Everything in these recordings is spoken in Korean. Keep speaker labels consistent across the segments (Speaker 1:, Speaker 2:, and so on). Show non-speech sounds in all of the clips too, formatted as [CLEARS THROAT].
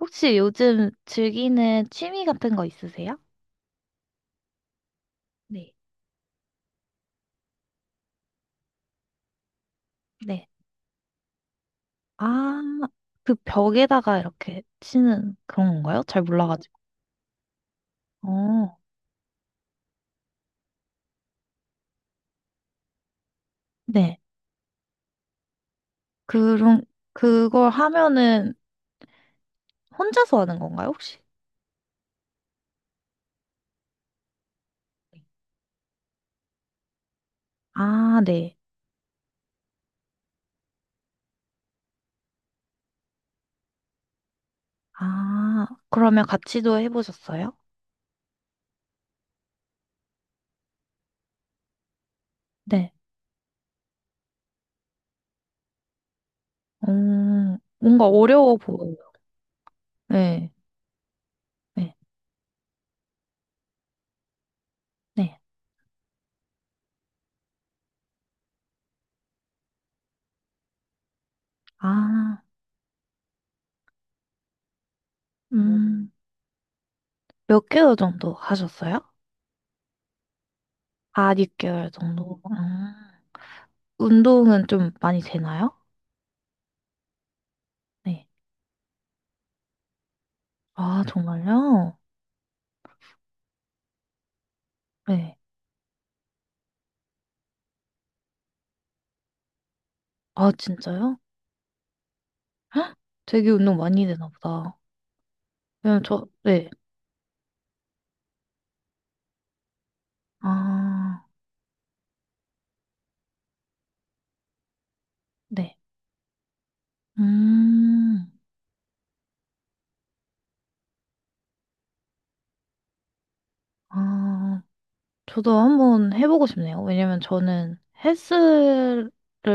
Speaker 1: 혹시 요즘 즐기는 취미 같은 거 있으세요? 네. 네. 아, 그 벽에다가 이렇게 치는 그런 건가요? 잘 네. 몰라가지고. 어, 네. 그런, 그걸 하면은 혼자서 하는 건가요, 혹시? 네. 아, 네. 아, 그러면 같이도 해보셨어요? 네. 뭔가 어려워 보여요. 네. 네. 네. 아, 음, 음, 몇 개월 정도 하셨어요? 아, 6개월 정도. 음. 운동은 좀 많이 되나요? 네. 아, 네. 정말요? 네. 아, 진짜요? 헉, 되게 운동 많이 되나 보다. 왜냐면 저, 네. 아, 네. 음, 아, 저도 한번 해보고 싶네요. 왜냐면 저는 헬스를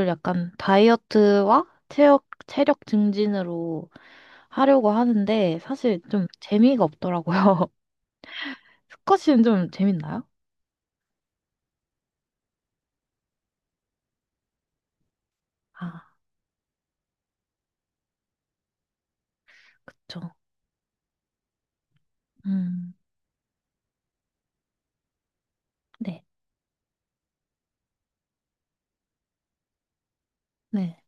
Speaker 1: 약간 다이어트와 체력 증진으로 하려고 하는데 사실 좀 재미가 없더라고요. [LAUGHS] 스쿼시는 좀 재밌나요? 아, 그쵸. 음, 네. 네.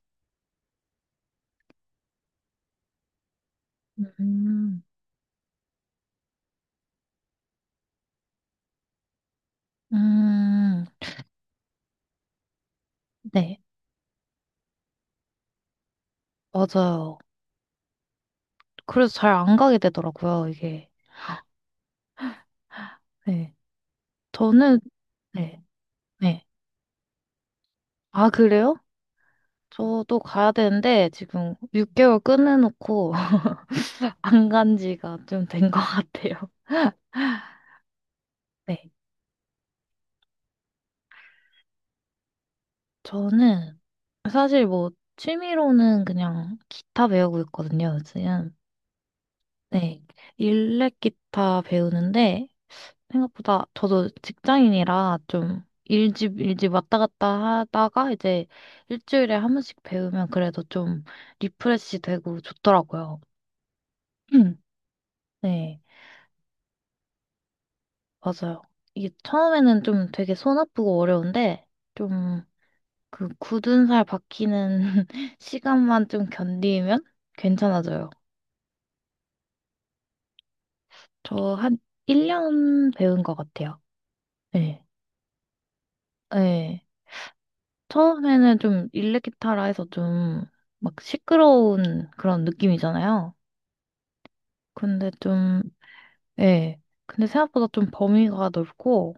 Speaker 1: 음, 음, 네, 맞아요. 그래서 잘 안 가게 되더라고요, 이게. 네. 저는, 네, 네. 아, 그래요? 저도 가야 되는데, 지금 6개월 끊어놓고 [LAUGHS] 안 간 지가 좀 된 것 같아요. 네. 저는 사실 뭐, 취미로는 그냥 기타 배우고 있거든요, 요즘. 네. 일렉 기타 배우는데, 생각보다 저도 직장인이라 좀 일집 왔다 갔다 하다가 이제 일주일에 한 번씩 배우면 그래도 좀 리프레시 되고 좋더라고요. [CLEARS THROAT] 네, 맞아요. 이게 처음에는 좀 되게 손 아프고 어려운데 좀 그 굳은 살 박히는 [LAUGHS] 시간만 좀 견디면 괜찮아져요. 저 한 1년 배운 것 같아요. 네. 네. 처음에는 좀 일렉기타라 해서 좀 막 시끄러운 그런 느낌이잖아요. 근데 좀, 예. 근데 생각보다 좀 범위가 넓고,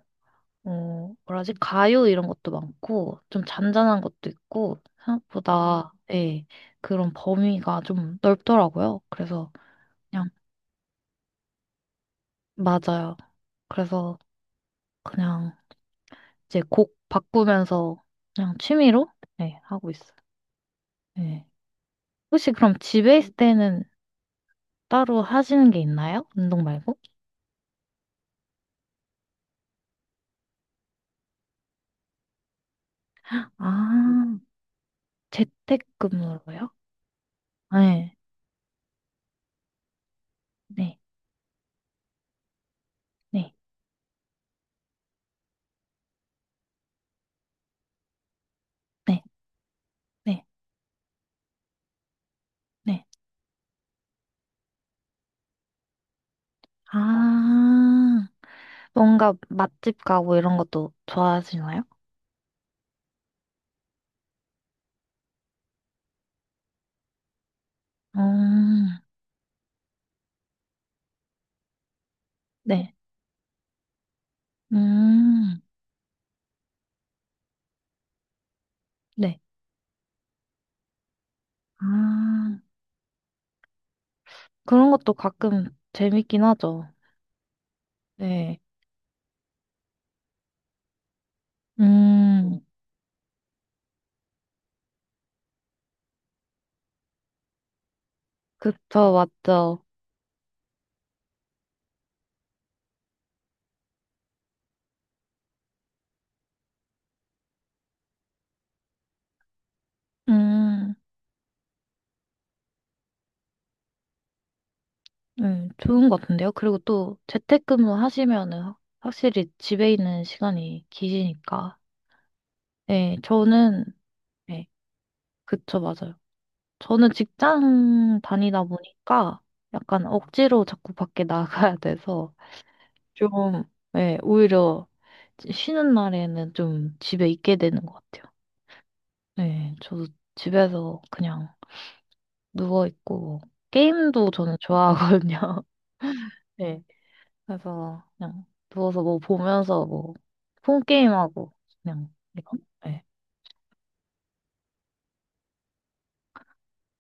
Speaker 1: 어, 뭐라지? 가요 이런 것도 많고, 좀 잔잔한 것도 있고, 생각보다, 예. 그런 범위가 좀 넓더라고요. 그래서 그냥, 맞아요. 그래서 그냥 이제 곡 바꾸면서 그냥 취미로, 예, 하고 있어요. 예. 혹시 그럼 집에 있을 때는 따로 하시는 게 있나요? 운동 말고? 아, 재택근무로요? 네, 네, 네, 네, 네, 네. 아, 뭔가 맛집 가고 이런 것도 좋아하시나요? 음, 네, 음, 네. 아, 그런 것도 가끔 재밌긴 하죠. 네, 음, 그쵸, 맞죠. 음. 네, 좋은 것 같은데요. 그리고 또 재택근무 하시면은 확- 확실히 집에 있는 시간이 기시니까. 네, 저는, 네, 그쵸, 맞아요. 저는 직장 다니다 보니까 약간 억지로 자꾸 밖에 나가야 돼서 좀, 네, 오히려 쉬는 날에는 좀 집에 있게 되는 것 같아요. 네, 저도 집에서 그냥 누워있고, 뭐 게임도 저는 좋아하거든요. [LAUGHS] 네. 그래서 그냥 누워서 뭐 보면서 뭐 폰게임하고 그냥 이거. 네.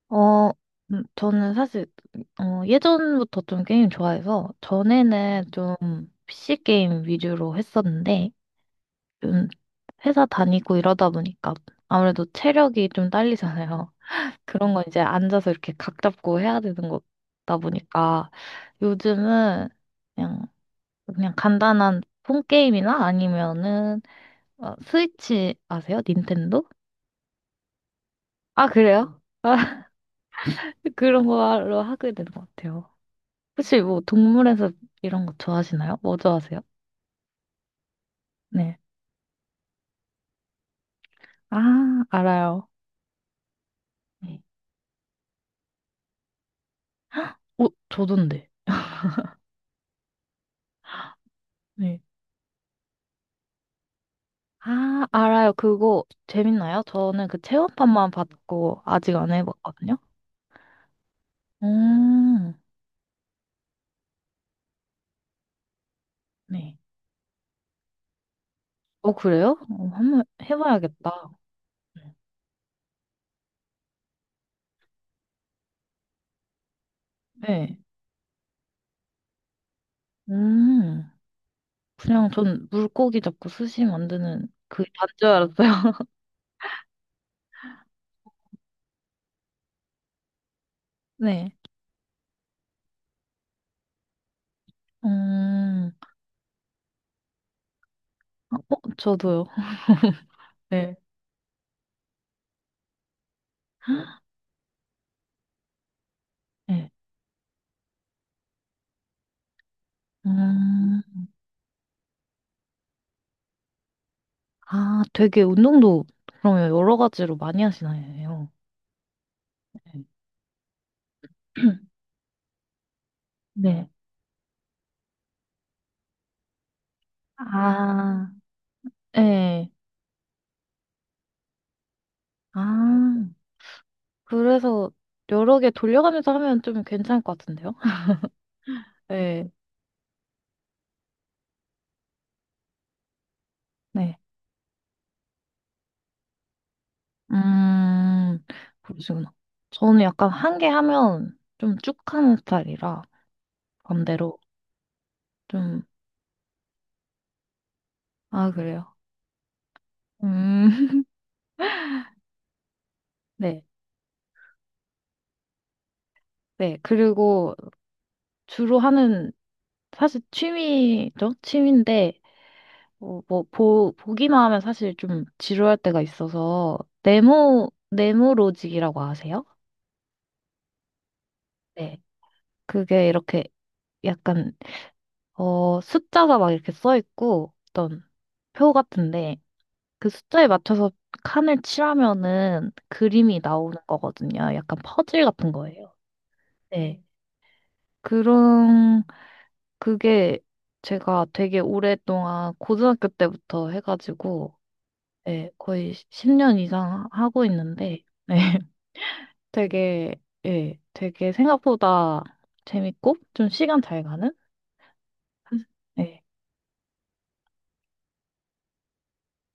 Speaker 1: 어, 저는 사실 예전부터 좀 게임 좋아해서 전에는 좀 PC 게임 위주로 했었는데 좀 회사 다니고 이러다 보니까 아무래도 체력이 좀 딸리잖아요. [LAUGHS] 그런 건 이제 앉아서 이렇게 각 잡고 해야 되는 거다 보니까 요즘은 그냥 간단한 폰 게임이나 아니면은 아, 스위치 아세요? 닌텐도? 아, 그래요? [LAUGHS] 그런 걸로 하게 되는 것 같아요. 혹시 뭐 동물에서 이런 거 좋아하시나요? 뭐 좋아하세요? 네. 아, 알아요. 네. 어, 저던데. 네. 아, 알아요. 그거 재밌나요? 저는 그 체험판만 봤고 아직 안 해봤거든요. 음, 네. 어, 그래요? 어, 한번 해봐야겠다. 네. 음, 그냥 전 물고기 잡고 스시 만드는 그 단줄 알았어요. [LAUGHS] 네. 음, 어, 저도요. 네. 네. 음, 아, 되게 운동도 그러면 여러 가지로 많이 하시나요? 네. [CLEARS THROAT] 네. 아, 네. 아, 그래서 여러 개 돌려가면서 하면 좀 괜찮을 것 같은데요? [LAUGHS] 네. 네. 음, 그러시구나. 저는 약간 한 개 하면 좀 쭉 하는 스타일이라 반대로 좀, 아, 그래요. 음, [LAUGHS] 네. 네. 그리고 주로 하는 사실 취미죠? 취미인데, 어, 뭐, 보기만 하면 사실 좀 지루할 때가 있어서, 네모로직이라고 아세요? 네. 그게 이렇게 약간, 어, 숫자가 막 이렇게 써 있고, 어떤 표 같은데, 그 숫자에 맞춰서 칸을 칠하면은 그림이 나오는 거거든요. 약간 퍼즐 같은 거예요. 네. 그런, 그게 제가 되게 오랫동안 고등학교 때부터 해가지고, 예, 거의 10년 이상 하고 있는데, 네, [LAUGHS] 되게, 예, 되게 생각보다 재밌고, 좀 시간 잘 가는? 예,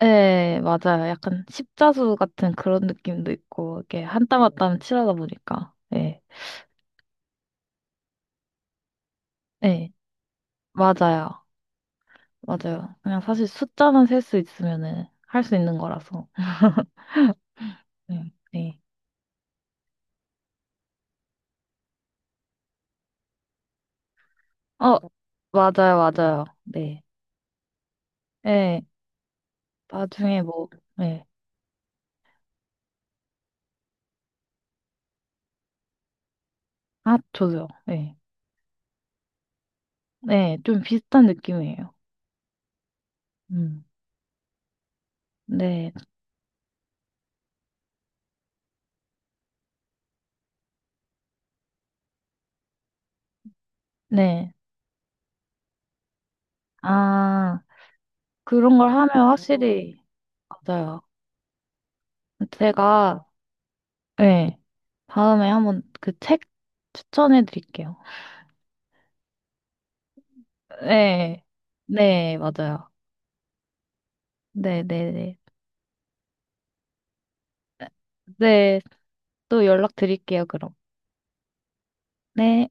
Speaker 1: 예, 맞아요. 약간 십자수 같은 그런 느낌도 있고, 이렇게 한 땀 한 땀 칠하다 보니까, 예, 예, 맞아요. 맞아요. 그냥 사실 숫자만 셀 수 있으면은 할 수 있는 거라서, 네, 네. 어, 맞아요, 맞아요. 네, 예, 나중에 뭐, 예, 아, 저도요. 예. 네, 좀 비슷한 느낌이에요. 음. 네, 네. 아, 그런 걸 하면 확실히, 맞아요. 제가, 네, 다음에 한번 그 책 추천해 드릴게요. 네, 네, 맞아요. 네, 네, 네. 네, 또 연락 드릴게요, 그럼. 네.